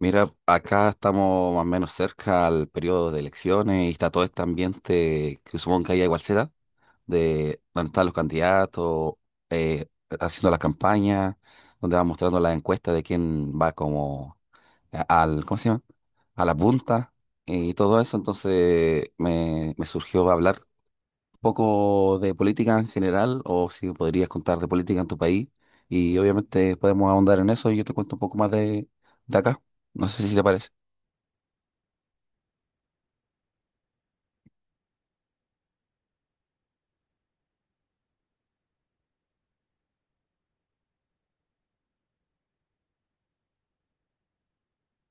Mira, acá estamos más o menos cerca al periodo de elecciones y está todo este ambiente que supongo que hay igual será, de donde están los candidatos, eh, haciendo la campaña, donde van mostrando las encuestas de quién va como al, ¿cómo se llama? A la punta y todo eso. Entonces me surgió hablar un poco de política en general o si podrías contar de política en tu país y obviamente podemos ahondar en eso y yo te cuento un poco más de acá. No sé si te parece.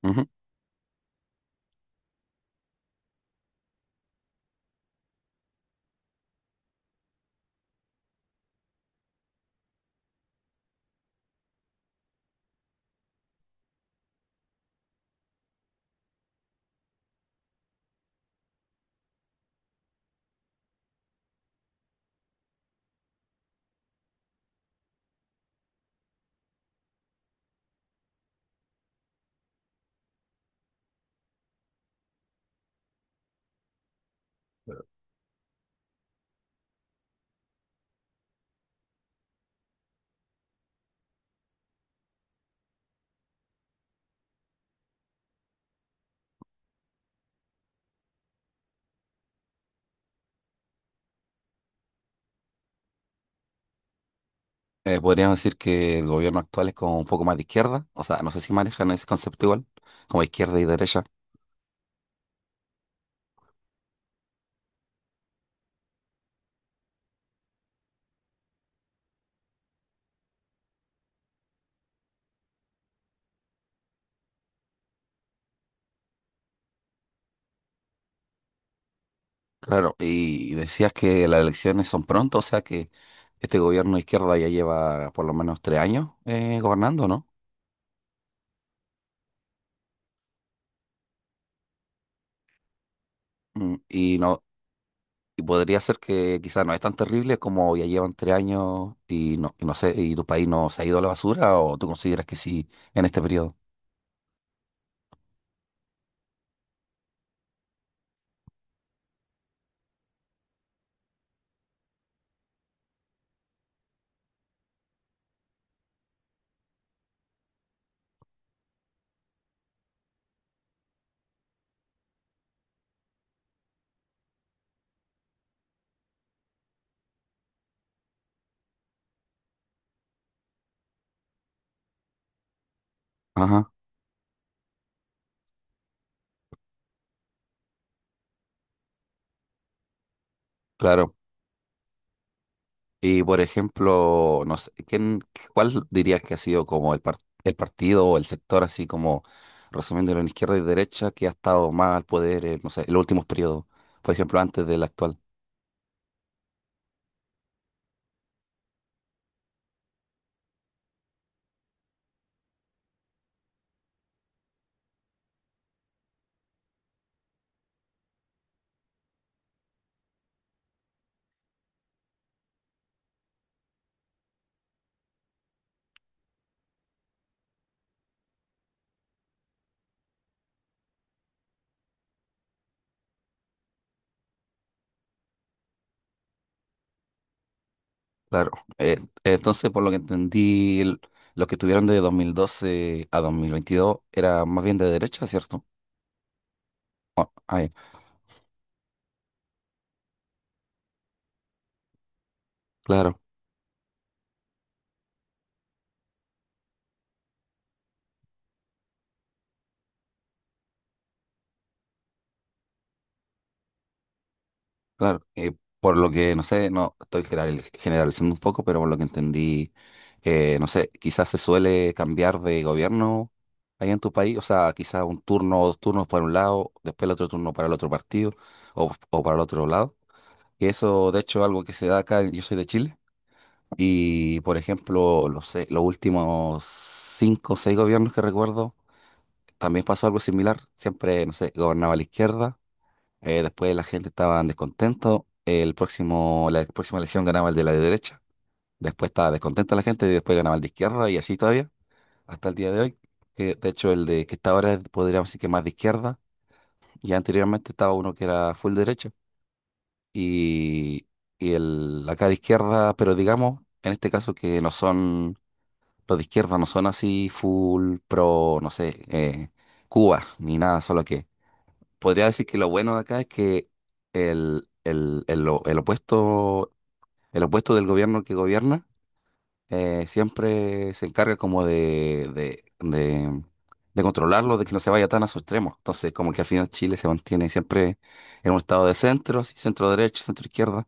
Ujú. Podríamos decir que el gobierno actual es como un poco más de izquierda, o sea, no sé si manejan ese concepto igual, como izquierda y derecha. Claro, y decías que las elecciones son pronto, o sea que este gobierno de izquierda ya lleva por lo menos 3 años gobernando, ¿no? Mm. Y no, y podría ser que quizás no es tan terrible como ya llevan 3 años y no sé, y tu país no se ha ido a la basura, o tú consideras que sí en este periodo. Ajá, claro. Y por ejemplo, no sé, cuál dirías que ha sido como el partido o el sector, así como resumiéndolo en izquierda y derecha, que ha estado más al poder, no sé, en los últimos periodos, por ejemplo, antes del actual? Claro. Eh, entonces, por lo que entendí, los que estuvieron de 2012 a 2022 era más bien de derecha, ¿cierto? Ah, ah, ya. Claro. Claro, por lo que, no sé, no estoy generalizando un poco, pero por lo que entendí, no sé, quizás se suele cambiar de gobierno ahí en tu país, o sea, quizás un turno o dos turnos para un lado, después el otro turno para el otro partido o para el otro lado. Y eso, de hecho, es algo que se da acá, yo soy de Chile, y por ejemplo, los últimos cinco o seis gobiernos que recuerdo, también pasó algo similar, siempre, no sé, gobernaba la izquierda después la gente estaba descontento. La próxima elección ganaba el de la derecha. Después estaba descontenta la gente y después ganaba el de izquierda y así todavía hasta el día de hoy. Que de hecho el de que está ahora es, podríamos decir que más de izquierda y anteriormente estaba uno que era full derecha y, y el acá de izquierda, pero digamos en este caso que no son los de izquierda no son así full pro, no sé, Cuba ni nada, solo que podría decir que lo bueno de acá es que el, el- el o- el opuesto, el opuesto del gobierno que gobierna siempre se encarga como de controlarlo, de que no se vaya tan a sus extremos. Entonces, como que al final Chile se mantiene siempre en un estado de centros, centro derecha, centro izquierda,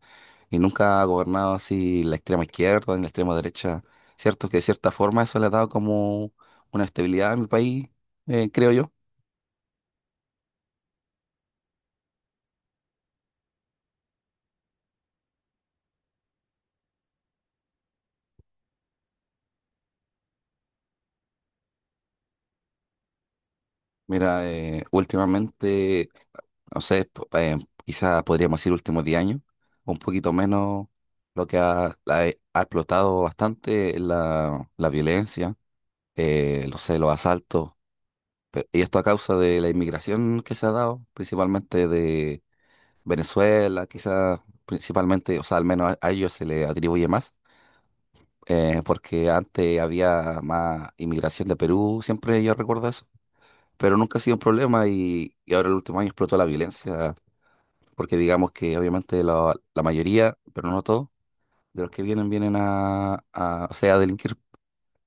y nunca ha gobernado así la extrema izquierda ni la extrema derecha. Cierto que de cierta forma eso le ha dado como una estabilidad a mi país, creo yo. Mira, últimamente no sé, quizás podríamos decir últimos 10 años, un poquito menos lo que ha explotado bastante es la violencia, no sé, los asaltos, y esto a causa de la inmigración que se ha dado, principalmente de Venezuela, quizás principalmente, o sea, al menos a ellos se le atribuye más, porque antes había más inmigración de Perú, siempre yo recuerdo eso. Pero nunca ha sido un problema y ahora el último año explotó la violencia porque digamos que obviamente la mayoría, pero no todos, de los que vienen o sea, a delinquir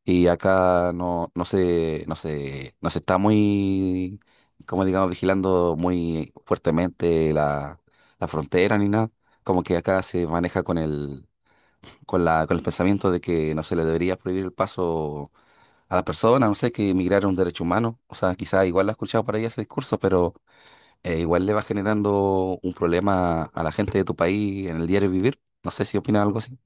y acá no se está muy, como digamos, vigilando muy fuertemente la frontera ni nada. Como que acá se maneja con con el pensamiento de que no se le debería prohibir el paso a las personas, no sé, que emigrar es un derecho humano. O sea, quizás igual lo he escuchado por ahí ese discurso, pero igual le va generando un problema a la gente de tu país en el diario vivir. No sé si opinas algo así.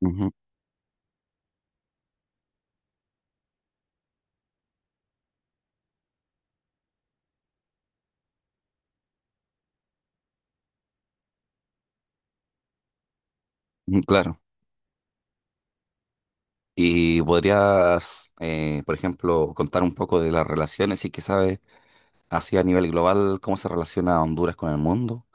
Ujú, mm, claro. Y podrías, por ejemplo, contar un poco de las relaciones y que sabes, así a nivel global, cómo se relaciona Honduras con el mundo,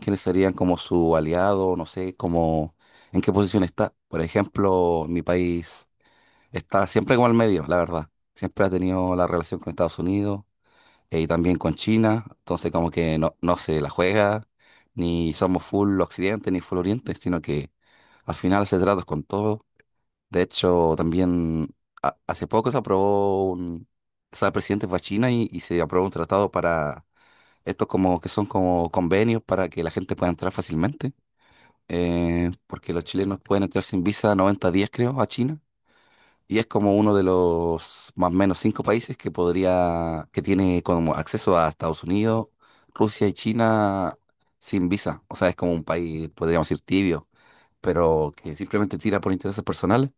quiénes serían como su aliado, no sé, cómo, en qué posición está. Por ejemplo, mi país está siempre como al medio, la verdad. Siempre ha tenido la relación con Estados Unidos y también con China, entonces como que no se la juega, ni somos full occidente ni full oriente, sino que al final se trata con todo. De hecho, también hace poco se aprobó o sea, el presidente fue a China y se aprobó un tratado para estos como que son como convenios para que la gente pueda entrar fácilmente, porque los chilenos pueden entrar sin visa 90 días, creo, a China. Y es como uno de los más o menos cinco países que tiene como acceso a Estados Unidos, Rusia y China sin visa. O sea, es como un país, podríamos decir, tibio, pero que simplemente tira por intereses personales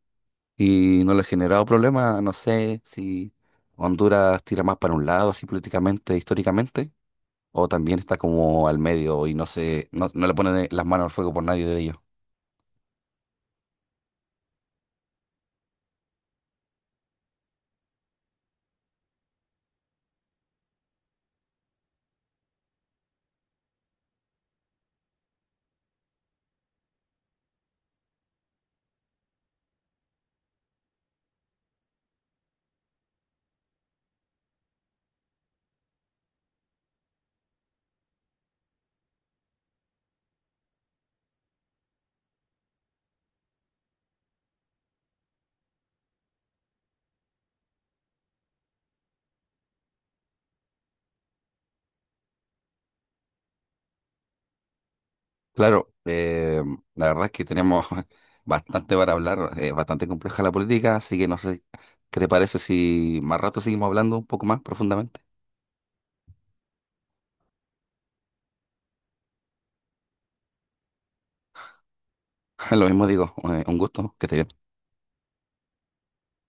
y no le ha generado problema. No sé si Honduras tira más para un lado, así políticamente, históricamente, o también está como al medio y no se, no, no le ponen las manos al fuego por nadie de ellos. Claro, la verdad es que tenemos bastante para hablar, es bastante compleja la política, así que no sé qué te parece si más rato seguimos hablando un poco más profundamente. Lo mismo digo, un gusto, que estés bien.